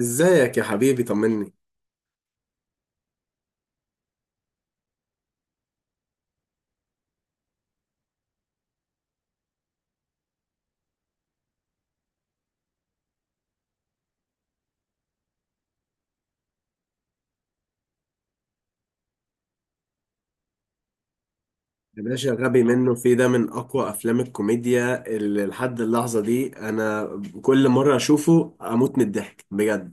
ازيك يا حبيبي، طمني. يا باشا غبي منه في ده من اقوى افلام الكوميديا اللي لحد اللحظه دي. انا كل مره اشوفه اموت من الضحك بجد.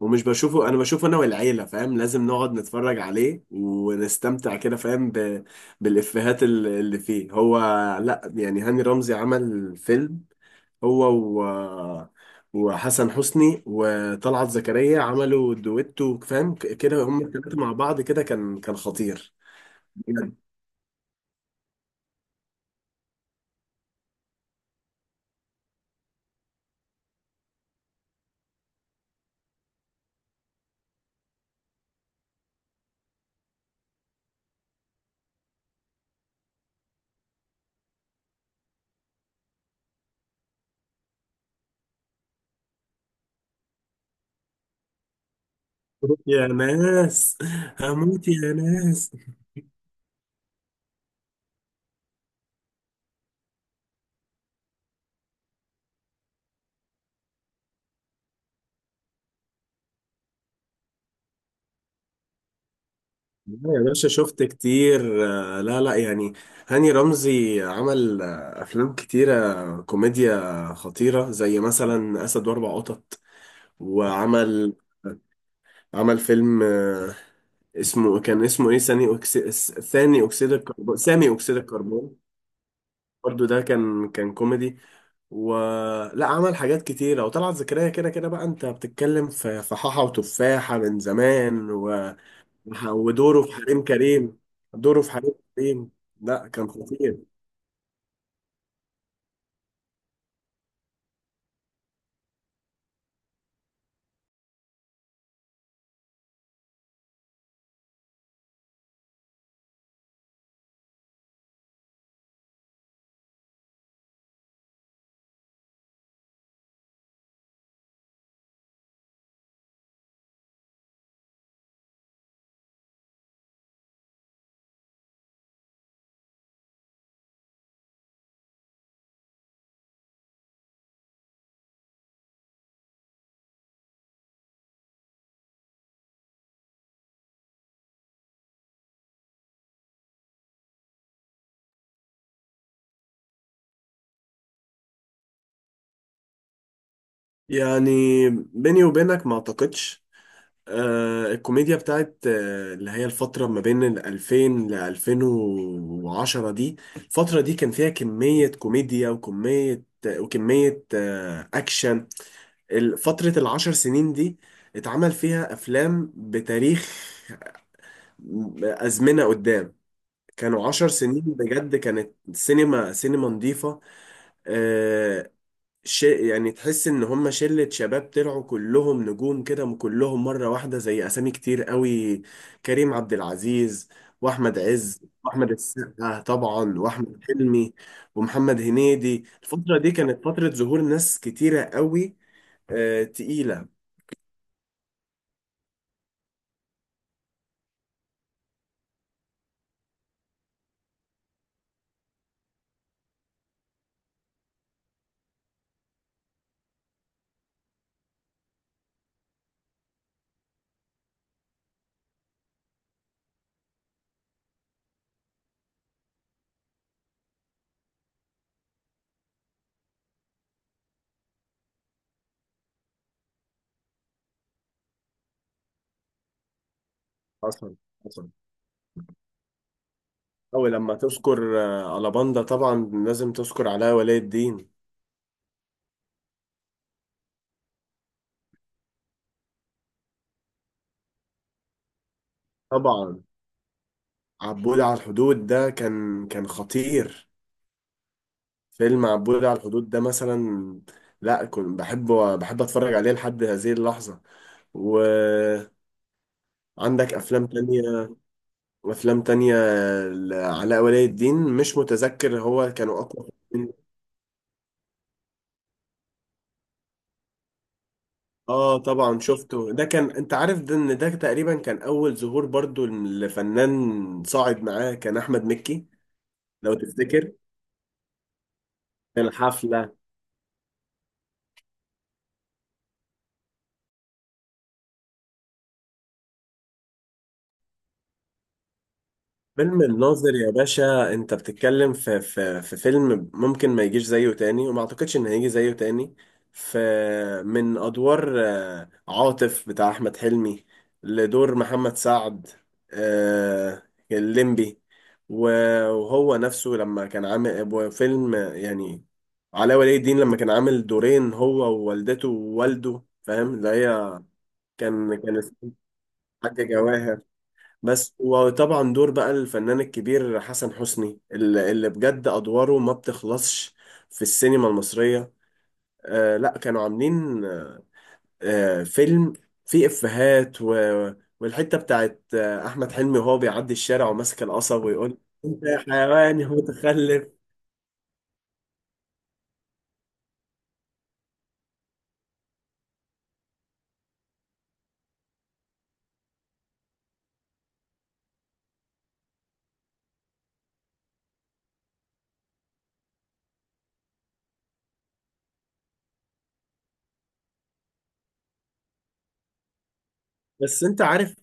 ومش بشوفه انا، بشوفه انا والعيله، فاهم؟ لازم نقعد نتفرج عليه ونستمتع كده، فاهم؟ بالافيهات اللي فيه هو. لا يعني هاني رمزي عمل فيلم هو وحسن حسني وطلعت زكريا، عملوا دويتو فاهم كده، هم الثلاثه مع بعض كده، كان خطير. مبروك. يا ناس هموت يا ناس. لا يا باشا، شفت كتير. لا لا يعني هاني رمزي عمل أفلام كتيرة كوميديا خطيرة، زي مثلا أسد وأربع قطط. وعمل عمل فيلم اسمه، كان اسمه إيه؟ ثاني أكسيد الكربون، سامي أكسيد الكربون. برضه ده كان كوميدي. ولا عمل حاجات كتيرة. وطلعت زكريا كده كده بقى، أنت بتتكلم في حاحة وتفاحة من زمان ودوره في حريم كريم، دوره في حريم كريم. لا كان خطير. يعني بيني وبينك ما اعتقدش. آه الكوميديا بتاعت آه اللي هي الفترة ما بين ال 2000 ل 2010، دي الفترة دي كان فيها كمية كوميديا وكمية وكمية آه أكشن. فترة 10 سنين دي اتعمل فيها أفلام بتاريخ، آه، أزمنة قدام. كانوا 10 سنين بجد، كانت سينما، سينما نظيفة. آه شيء يعني تحس ان هم شلة شباب طلعوا كلهم نجوم كده، كلهم مرة واحدة. زي اسامي كتير قوي، كريم عبد العزيز واحمد عز واحمد السقا طبعا واحمد حلمي ومحمد هنيدي. الفترة دي كانت فترة ظهور ناس كتيرة قوي، آه تقيلة. حصل حصل. أو لما تذكر على باندا طبعا لازم تذكر علاء ولي الدين. طبعا، عبود على الحدود ده كان خطير. فيلم عبود على الحدود ده مثلا، لا كنت بحبه، بحب اتفرج عليه لحد هذه اللحظة. وعندك افلام تانية، وافلام تانية لعلاء ولي الدين، مش متذكر، هو كانوا اقوى فيلمين. اه طبعا شفته ده، كان انت عارف ده، ان ده تقريبا كان اول ظهور برضو لفنان صاعد معاه، كان احمد مكي. لو تفتكر، كان حفلة. فيلم الناظر يا باشا، انت بتتكلم في في فيلم ممكن ما يجيش زيه تاني، وما اعتقدش ان هيجي زيه تاني. في من ادوار عاطف بتاع احمد حلمي، لدور محمد سعد آه، الليمبي. و- وهو نفسه لما كان عامل وفيلم يعني علاء ولي الدين لما كان عامل دورين هو، ووالدته ووالده، فاهم اللي هي كان اسمه حاجة جواهر. بس وطبعا دور بقى الفنان الكبير حسن حسني، اللي بجد أدواره ما بتخلصش في السينما المصرية. آه لا كانوا عاملين آه فيلم فيه إفيهات والحتة بتاعت آه أحمد حلمي وهو بيعدي الشارع وماسك القصب ويقول أنت يا حيوان يا متخلف. بس أنت عارف،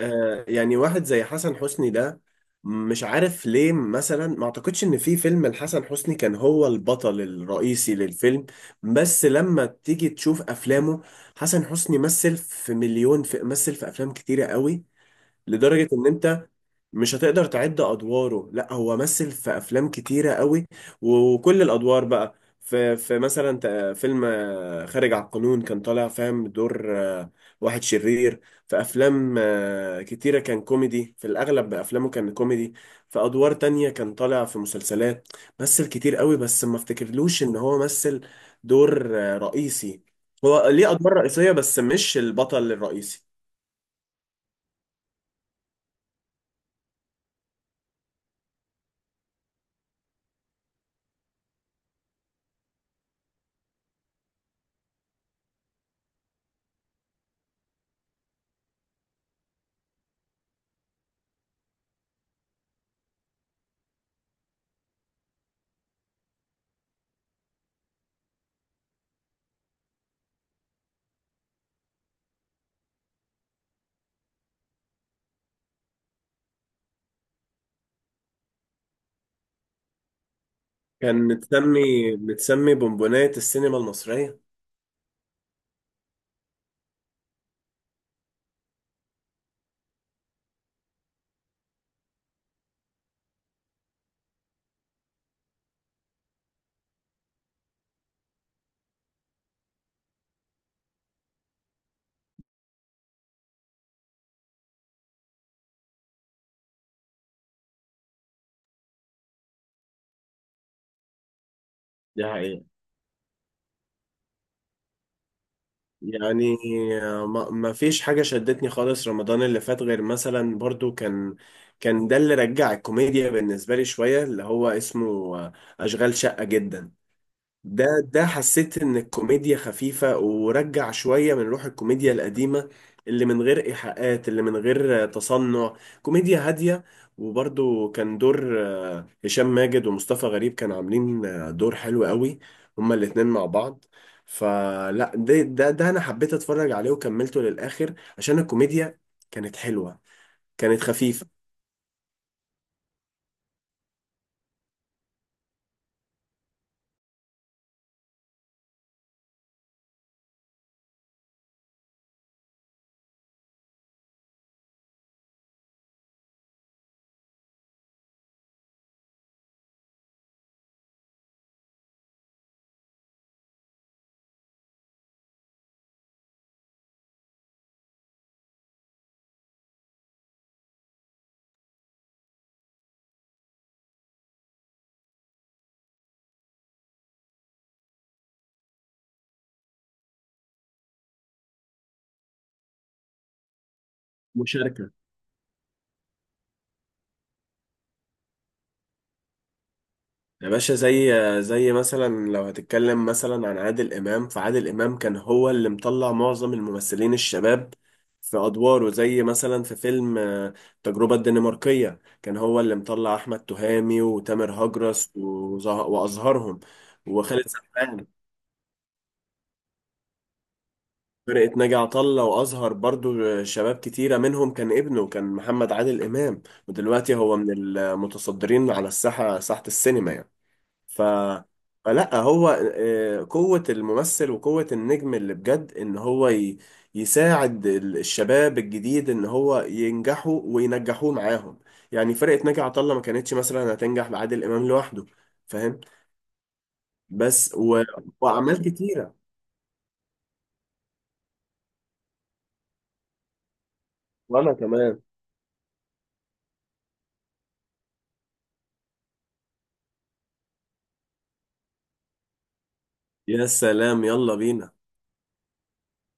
آه يعني واحد زي حسن حسني ده، مش عارف ليه مثلا، ما اعتقدش ان في فيلم لحسن حسني كان هو البطل الرئيسي للفيلم. بس لما تيجي تشوف افلامه، حسن حسني مثل في مليون، في مثل في افلام كتيرة قوي، لدرجة ان انت مش هتقدر تعد ادواره. لا هو مثل في افلام كتيره قوي، وكل الادوار بقى. في في مثلا فيلم خارج على القانون، كان طالع فاهم دور واحد شرير. في افلام كتيره كان كوميدي، في الاغلب افلامه كان كوميدي. في ادوار تانية كان طالع في مسلسلات، مثل كتير قوي، بس ما افتكرلوش ان هو مثل دور رئيسي. هو ليه ادوار رئيسيه بس مش البطل الرئيسي. كان متسمي، متسمي بونبونات السينما المصرية. دي حقيقة. يعني ما فيش حاجة شدتني خالص رمضان اللي فات، غير مثلا برضو كان، كان ده اللي رجع الكوميديا بالنسبة لي شوية، اللي هو اسمه أشغال شقة جدا. ده ده حسيت ان الكوميديا خفيفة، ورجع شوية من روح الكوميديا القديمة، اللي من غير ايحاءات، اللي من غير تصنع، كوميديا هادية. وبرضو كان دور هشام ماجد ومصطفى غريب، كانوا عاملين دور حلو قوي، هما الاتنين مع بعض. فلا ده انا حبيت اتفرج عليه وكملته للاخر، عشان الكوميديا كانت حلوة، كانت خفيفة. مشاركة. يا باشا زي، زي مثلا لو هتتكلم مثلا عن عادل إمام، فعادل إمام كان هو اللي مطلع معظم الممثلين الشباب في أدواره، زي مثلا في فيلم التجربة الدنماركية، كان هو اللي مطلع أحمد تهامي وتامر هجرس وأزهرهم وخالد سرحان. فرقة ناجي عطا الله، وأزهر برضو شباب كتيرة منهم، كان ابنه كان محمد عادل إمام، ودلوقتي هو من المتصدرين على الساحة، ساحة السينما يعني. ف، فلا هو قوة الممثل وقوة النجم اللي بجد ان هو يساعد الشباب الجديد ان هو ينجحوا وينجحوه معاهم. يعني فرقة ناجي عطا الله ما كانتش مثلا هتنجح بعادل امام لوحده، فاهم؟ بس واعمال كتيرة. وانا كمان يا سلام، يلا بينا.